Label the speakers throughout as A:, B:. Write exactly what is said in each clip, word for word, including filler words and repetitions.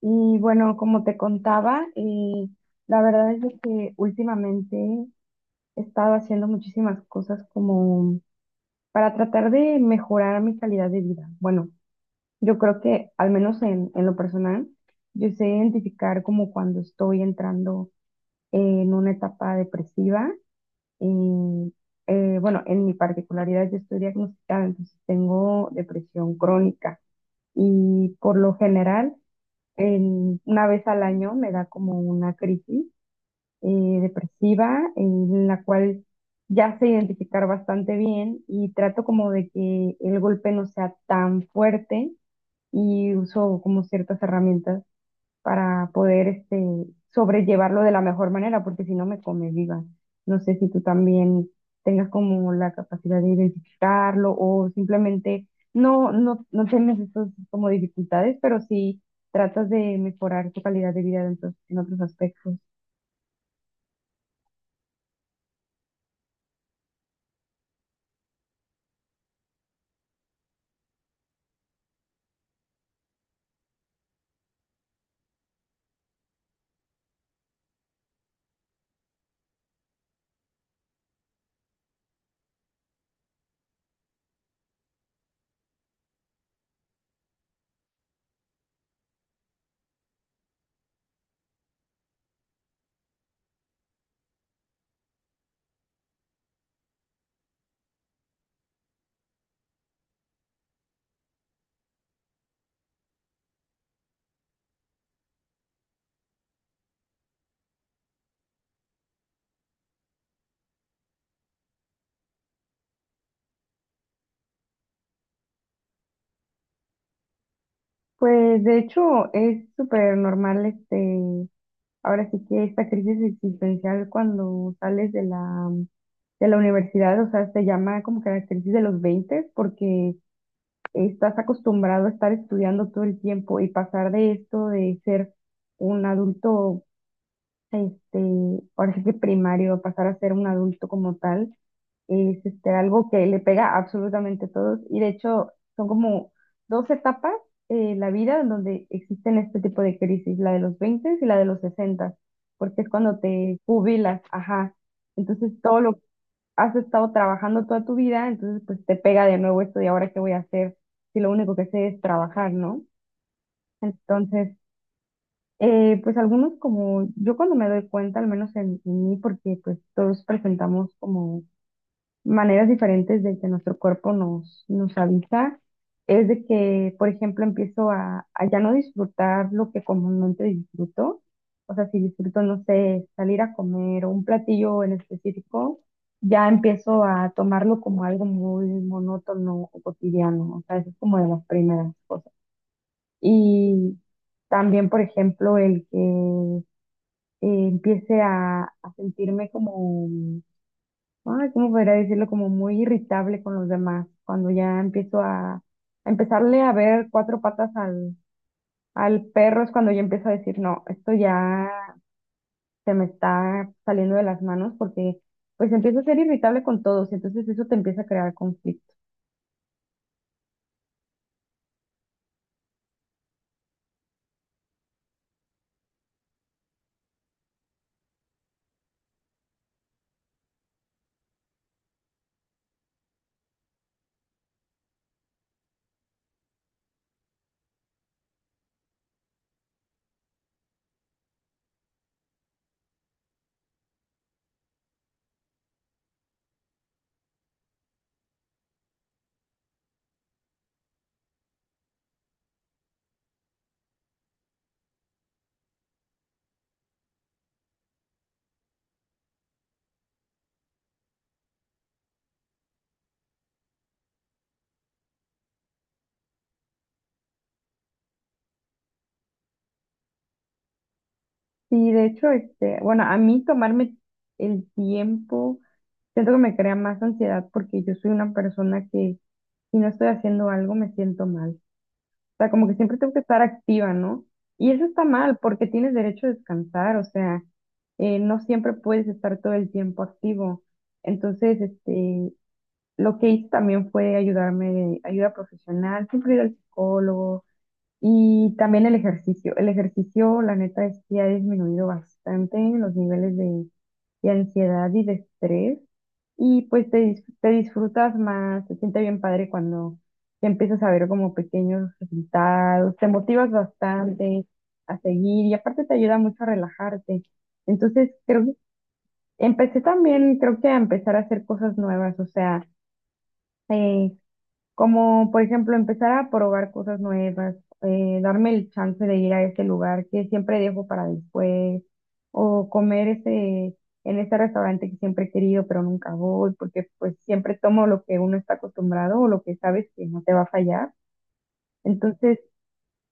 A: Y bueno, como te contaba, eh, la verdad es de que últimamente he estado haciendo muchísimas cosas como para tratar de mejorar mi calidad de vida. Bueno, yo creo que al menos en, en lo personal, yo sé identificar como cuando estoy entrando en una etapa depresiva. Y, eh, bueno, en mi particularidad yo estoy diagnosticada, entonces tengo depresión crónica y por lo general en- una vez al año me da como una crisis eh, depresiva en la cual ya sé identificar bastante bien y trato como de que el golpe no sea tan fuerte y uso como ciertas herramientas para poder este, sobrellevarlo de la mejor manera, porque si no me come viva. No sé si tú también tengas como la capacidad de identificarlo o simplemente no, no, no tienes esas como dificultades, pero sí tratas de mejorar tu calidad de vida en otros, en otros aspectos. Pues de hecho es súper normal este, ahora sí que esta crisis existencial cuando sales de la, de la universidad, o sea, se llama como que la crisis de los veinte porque estás acostumbrado a estar estudiando todo el tiempo y pasar de esto de ser un adulto, este, ahora sí que primario, a pasar a ser un adulto como tal, es este, algo que le pega a absolutamente a todos. Y de hecho, son como dos etapas eh, en la vida en donde existen este tipo de crisis, la de los veinte y la de los sesenta porque es cuando te jubilas, ajá. Entonces, todo lo has estado trabajando toda tu vida, entonces pues te pega de nuevo esto de ahora qué voy a hacer si lo único que sé es trabajar, ¿no? Entonces, eh, pues algunos como yo cuando me doy cuenta, al menos en, en mí, porque pues todos presentamos como maneras diferentes de que nuestro cuerpo nos, nos avisa es de que, por ejemplo, empiezo a, a ya no disfrutar lo que comúnmente disfruto. O sea, si disfruto, no sé, salir a comer o un platillo en específico, ya empiezo a tomarlo como algo muy monótono o cotidiano. O sea, eso es como de las primeras cosas. Y también, por ejemplo, el que eh, empiece a, a sentirme como ay, ¿cómo podría decirlo? Como muy irritable con los demás, cuando ya empiezo a, a empezarle a ver cuatro patas al, al perro, es cuando yo empiezo a decir, no, esto ya se me está saliendo de las manos porque pues empiezo a ser irritable con todos, entonces eso te empieza a crear conflicto. Y de hecho, este, bueno, a mí tomarme el tiempo, siento que me crea más ansiedad porque yo soy una persona que si no estoy haciendo algo me siento mal. O sea, como que siempre tengo que estar activa, ¿no? Y eso está mal porque tienes derecho a descansar, o sea, eh, no siempre puedes estar todo el tiempo activo. Entonces, este, lo que hice también fue ayudarme, de ayuda profesional, siempre ir al psicólogo y también el ejercicio. El ejercicio, la neta, es que ha disminuido bastante los niveles de, de ansiedad y de estrés. Y pues te, dis- te disfrutas más, te siente bien padre cuando ya empiezas a ver como pequeños resultados, te motivas bastante a seguir y aparte te ayuda mucho a relajarte. Entonces, creo que empecé también, creo que a empezar a hacer cosas nuevas, o sea, eh, como por ejemplo empezar a probar cosas nuevas, eh, darme el chance de ir a este lugar que siempre dejo para después, o comer ese, en este restaurante que siempre he querido pero nunca voy, porque pues siempre tomo lo que uno está acostumbrado o lo que sabes que no te va a fallar. Entonces,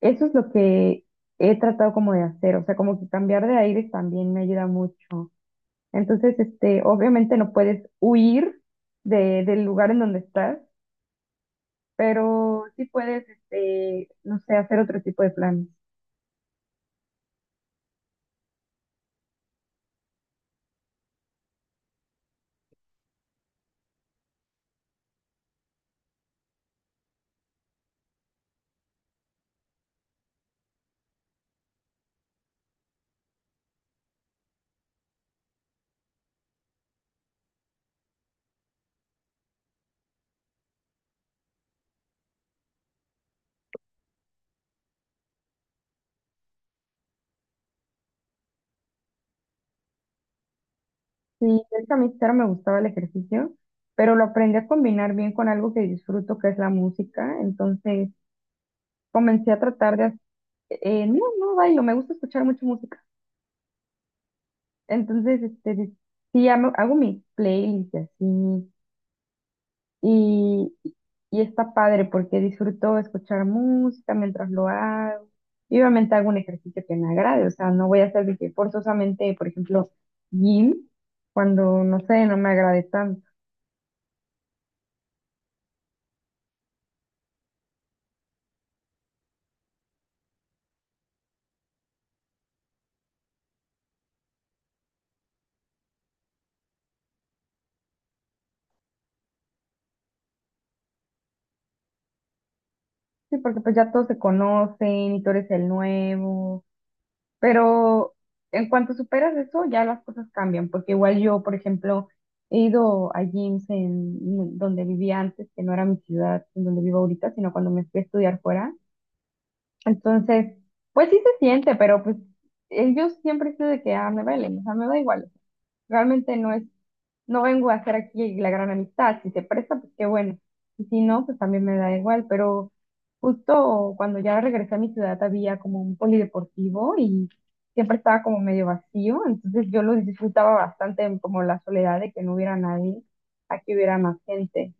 A: eso es lo que he tratado como de hacer, o sea, como que cambiar de aires también me ayuda mucho. Entonces, este, obviamente no puedes huir de, del lugar en donde estás pero sí puedes, este, no sé, hacer otro tipo de planes. Sí, es que a mí claro me gustaba el ejercicio, pero lo aprendí a combinar bien con algo que disfruto, que es la música. Entonces comencé a tratar de, hac- eh, no, no bailo, me gusta escuchar mucho música. Entonces, este, de- sí, hago, hago mis playlists y así, Y, y está padre porque disfruto escuchar música mientras lo hago. Y obviamente hago un ejercicio que me agrade, o sea, no voy a hacer de que forzosamente, por ejemplo, gym, cuando no sé, no me agrade tanto. Sí, porque pues ya todos se conocen y tú eres el nuevo. Pero en cuanto superas eso, ya las cosas cambian, porque igual yo, por ejemplo, he ido a gyms en donde vivía antes, que no era mi ciudad, en donde vivo ahorita, sino cuando me fui a estudiar fuera. Entonces, pues sí se siente, pero pues eh, yo siempre he sido de que, ah, me vale, o sea, me da igual. Realmente no es, no vengo a hacer aquí la gran amistad. Si se presta, pues qué bueno. Y si no, pues también me da igual. Pero justo cuando ya regresé a mi ciudad había como un polideportivo y siempre estaba como medio vacío. Entonces yo lo disfrutaba bastante en como la soledad de que no hubiera nadie, aquí hubiera más gente.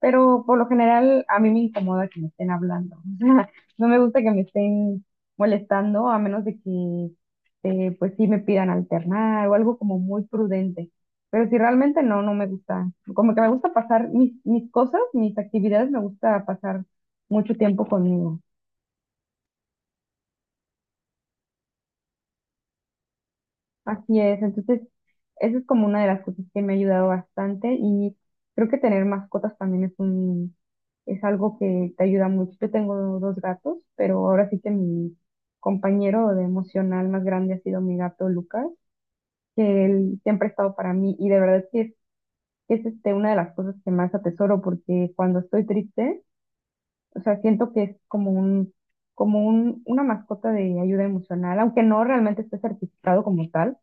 A: Pero por lo general a mí me incomoda que me estén hablando. O sea, no me gusta que me estén molestando a menos de que eh, pues sí me pidan alternar o algo como muy prudente. Pero si realmente no, no me gusta. Como que me gusta pasar mis, mis cosas, mis actividades, me gusta pasar mucho tiempo conmigo. Así es, entonces eso es como una de las cosas que me ha ayudado bastante y creo que tener mascotas también es un, es algo que te ayuda mucho. Yo tengo dos gatos, pero ahora sí que mi compañero de emocional más grande ha sido mi gato Lucas, que él siempre ha estado para mí y de verdad que es, que es este, una de las cosas que más atesoro porque cuando estoy triste, o sea, siento que es como un, como un, una mascota de ayuda emocional, aunque no realmente esté certificado como tal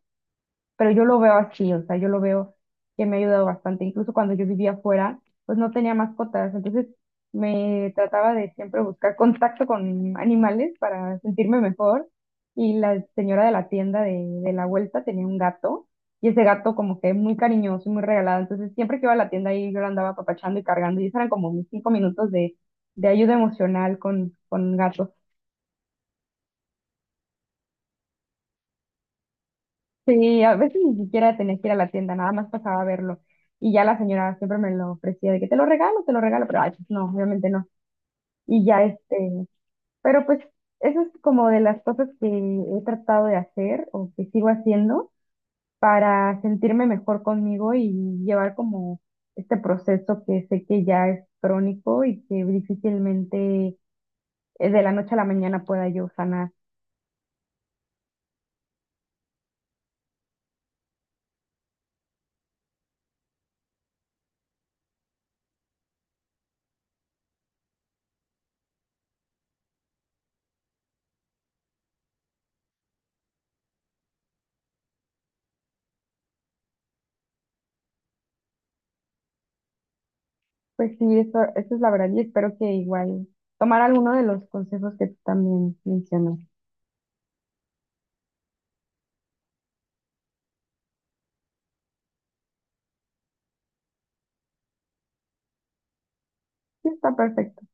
A: pero yo lo veo así, o sea, yo lo veo que me ha ayudado bastante. Incluso cuando yo vivía afuera, pues no tenía mascotas, entonces me trataba de siempre buscar contacto con animales para sentirme mejor. Y la señora de la tienda de, de la vuelta tenía un gato, y ese gato como que muy cariñoso y muy regalado, entonces siempre que iba a la tienda ahí yo lo andaba apapachando y cargando, y esos eran como mis cinco minutos de, de ayuda emocional con, con gatos. Sí, a veces ni siquiera tenía que ir a la tienda, nada más pasaba a verlo. Y ya la señora siempre me lo ofrecía de que te lo regalo, te lo regalo, pero ay, pues no, obviamente no. Y ya este, pero pues eso es como de las cosas que he tratado de hacer o que sigo haciendo para sentirme mejor conmigo y llevar como este proceso que sé que ya es crónico y que difícilmente eh, de la noche a la mañana pueda yo sanar. Pues sí, eso, eso es la verdad y espero que igual tomar alguno de los consejos que tú también mencionas. Sí, está perfecto.